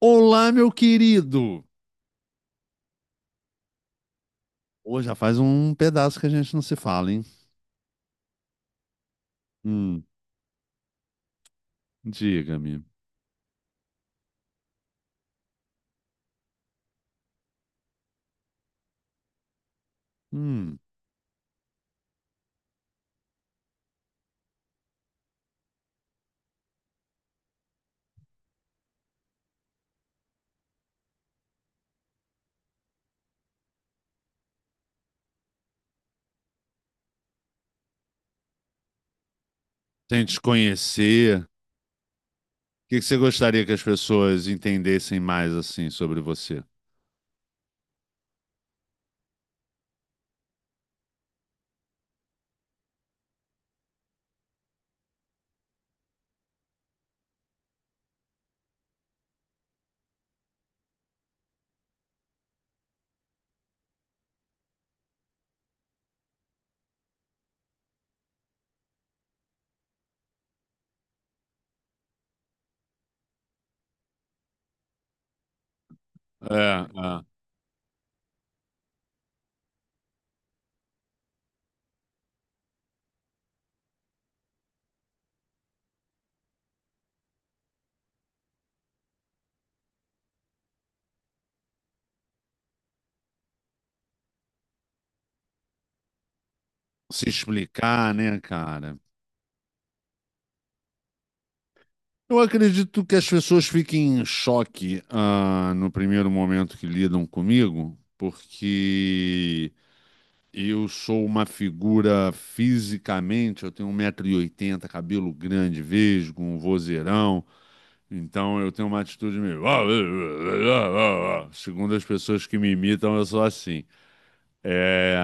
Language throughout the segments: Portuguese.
Olá, meu querido! Hoje já faz um pedaço que a gente não se fala, hein? Hum. Diga-me. Hum. Sem te conhecer, o que que você gostaria que as pessoas entendessem mais assim sobre você? É, é, se explicar, né, cara? Eu acredito que as pessoas fiquem em choque, ah, no primeiro momento que lidam comigo, porque eu sou uma figura fisicamente, eu tenho 1,80 m, cabelo grande, vesgo, um vozeirão, então eu tenho uma atitude meio. Segundo as pessoas que me imitam, eu sou assim. É.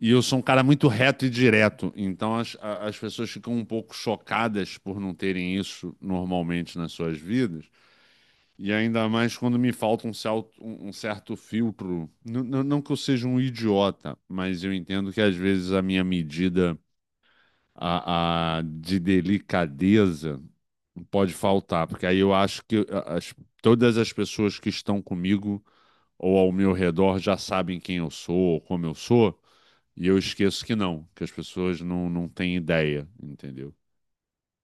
E eu sou um cara muito reto e direto, então as pessoas ficam um pouco chocadas por não terem isso normalmente nas suas vidas. E ainda mais quando me falta um certo filtro. Não que eu seja um idiota, mas eu entendo que às vezes a minha medida de delicadeza pode faltar, porque aí eu acho que todas as pessoas que estão comigo ou ao meu redor já sabem quem eu sou ou como eu sou, e eu esqueço que não, que as pessoas não têm ideia, entendeu?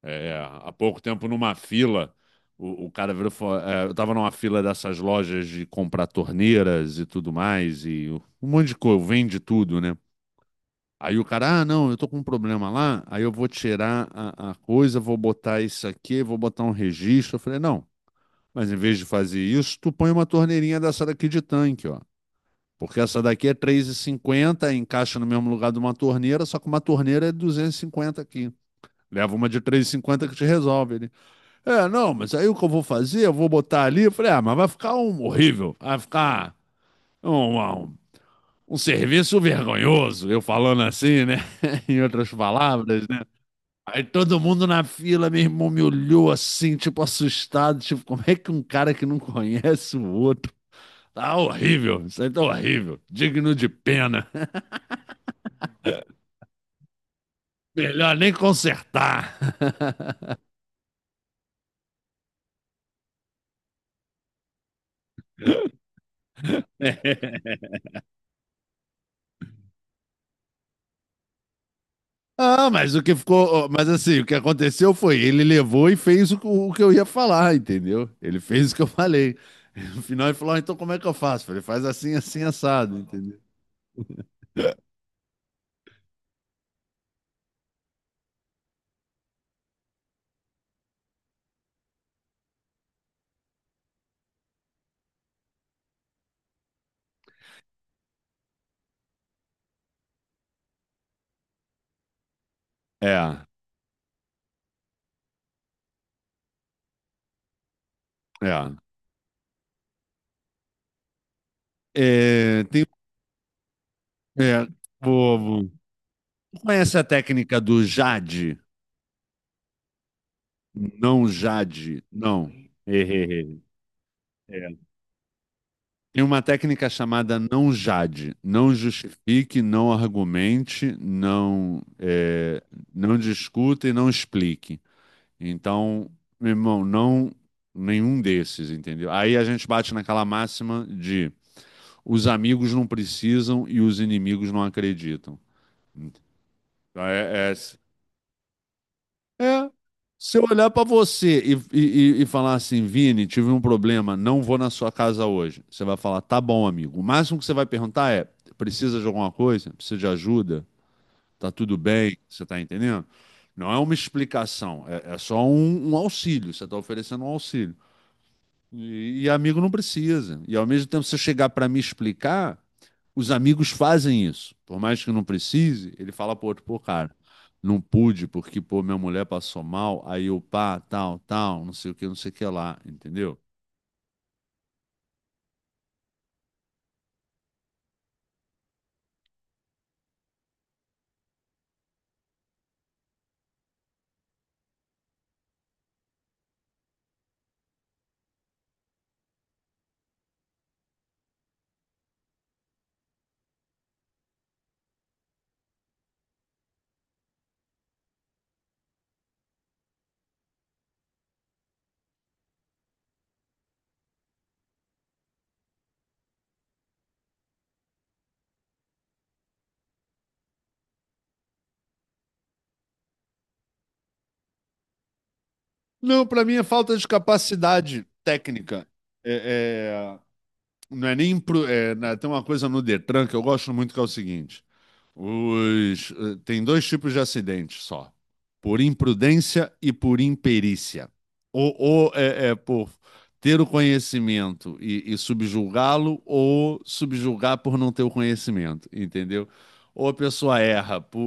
É, é, há pouco tempo, numa fila, o cara virou, e falou, é, eu tava numa fila dessas lojas de comprar torneiras e tudo mais, e um monte de coisa, vende tudo, né? Aí o cara, ah, não, eu tô com um problema lá, aí eu vou tirar a coisa, vou botar isso aqui, vou botar um registro. Eu falei, não, mas em vez de fazer isso, tu põe uma torneirinha dessa daqui de tanque, ó. Porque essa daqui é 3,50, encaixa no mesmo lugar de uma torneira, só que uma torneira é 250 aqui. Leva uma de 3,50 que te resolve, né? É, não, mas aí o que eu vou fazer? Eu vou botar ali. Eu falei, ah, mas vai ficar um horrível. Vai ficar um, um, um serviço vergonhoso. Eu falando assim, né? Em outras palavras, né? Aí todo mundo na fila, meu irmão me olhou assim, tipo, assustado. Tipo, como é que um cara que não conhece o outro. Tá horrível, isso aí tá horrível. Digno de pena. Melhor nem consertar. É. Ah, mas o que ficou. Mas assim, o que aconteceu foi, ele levou e fez o que eu ia falar, entendeu? Ele fez o que eu falei. No final ele falou, "Ah, então como é que eu faço?" Eu falei, faz assim, assim, assado, entendeu? É, é. É, tem, é, vou- vou- tu conhece a técnica do Jade? Não Jade, não. Errei. Errei. É. E uma técnica chamada não Jade: não justifique, não argumente, não discuta e não explique. Então, meu irmão, não nenhum desses, entendeu? Aí a gente bate naquela máxima de os amigos não precisam e os inimigos não acreditam. Então, é- é- é. Se eu olhar pra você e, e falar assim, Vini, tive um problema, não vou na sua casa hoje. Você vai falar, tá bom, amigo. O máximo que você vai perguntar é: precisa de alguma coisa? Precisa de ajuda? Tá tudo bem? Você tá entendendo? Não é uma explicação, é só um auxílio. Você tá oferecendo um auxílio. E amigo não precisa. E ao mesmo tempo, se eu chegar para me explicar, os amigos fazem isso. Por mais que não precise, ele fala pro outro, pô, cara, não pude porque, pô, minha mulher passou mal, aí eu pá, tal, tal, não sei o que, não sei o que lá, entendeu? Não, para mim é falta de capacidade técnica. É, é, não é nem. Tem uma coisa no Detran que eu gosto muito que é o seguinte. Os, eh, tem dois tipos de acidentes só: por imprudência e por imperícia. Ou é por ter o conhecimento e subjulgá-lo, ou subjulgar por não ter o conhecimento, entendeu? Ou a pessoa erra.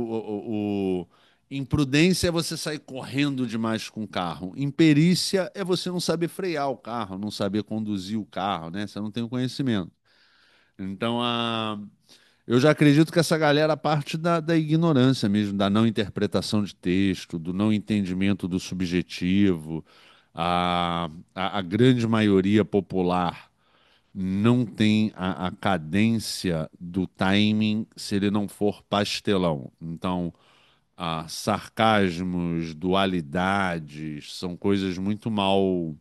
o- o- Imprudência é você sair correndo demais com o carro. Imperícia é você não saber frear o carro, não saber conduzir o carro, né? Você não tem o conhecimento. Então, eu já acredito que essa galera parte da, da ignorância mesmo, da não interpretação de texto, do não entendimento do subjetivo. A, a grande maioria popular não tem a cadência do timing se ele não for pastelão. Então, ah, sarcasmos, dualidades, são coisas muito mal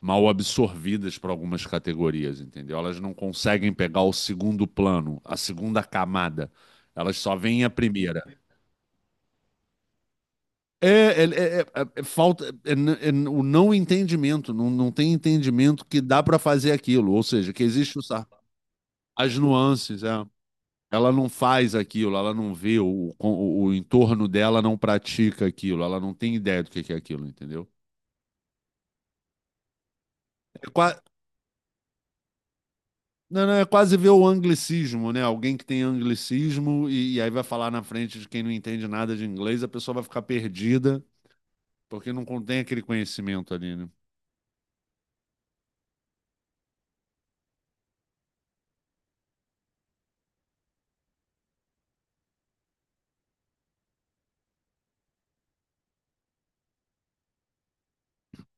mal absorvidas para algumas categorias, entendeu? Elas não conseguem pegar o segundo plano, a segunda camada. Elas só veem a primeira. É, é falta, o não entendimento, não tem entendimento que dá para fazer aquilo, ou seja, que existe as nuances, é. Ela não faz aquilo, ela não vê o entorno dela, não pratica aquilo, ela não tem ideia do que é aquilo, entendeu? É qua- Não, não, é quase ver o anglicismo, né? Alguém que tem anglicismo e aí vai falar na frente de quem não entende nada de inglês, a pessoa vai ficar perdida, porque não contém aquele conhecimento ali, né?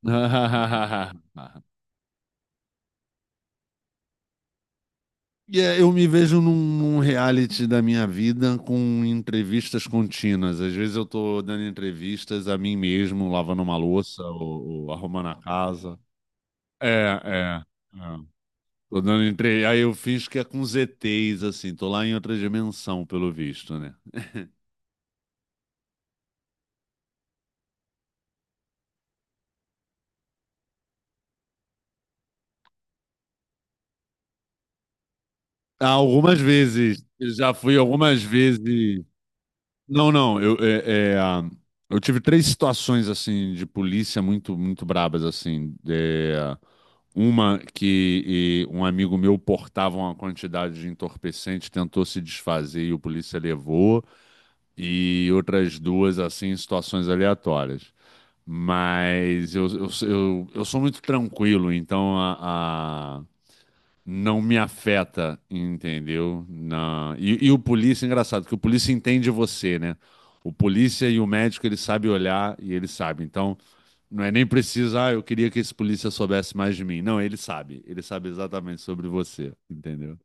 E é, eu me vejo num reality da minha vida com entrevistas contínuas. Às vezes eu tô dando entrevistas a mim mesmo, lavando uma louça ou arrumando a casa. É, é, é. Tô dando entre... Aí eu fiz que é com ZTs, assim, tô lá em outra dimensão, pelo visto, né? Ah, algumas vezes. Eu já fui algumas vezes. Não, não. Eu, é, é, ah, eu tive três situações assim de polícia muito, muito brabas assim. É, uma que, um amigo meu portava uma quantidade de entorpecente, tentou se desfazer e o polícia levou. E outras duas assim, em situações aleatórias. Mas eu sou muito tranquilo, então não me afeta, entendeu? Na... E o polícia, engraçado, que o polícia entende você, né? O polícia e o médico, ele sabe olhar e ele sabe. Então, não é nem preciso, ah, eu queria que esse polícia soubesse mais de mim. Não, ele sabe. Ele sabe exatamente sobre você, entendeu?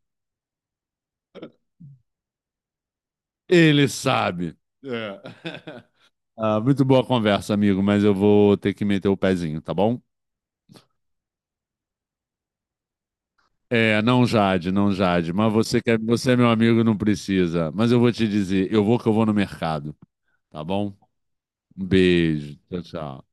Ele sabe. É. Ah, muito boa conversa, amigo, mas eu vou ter que meter o pezinho, tá bom? É, não Jade, não Jade, mas você que é, você é meu amigo, não precisa. Mas eu vou te dizer, eu vou que eu vou no mercado, tá bom? Um beijo. Tchau, tchau.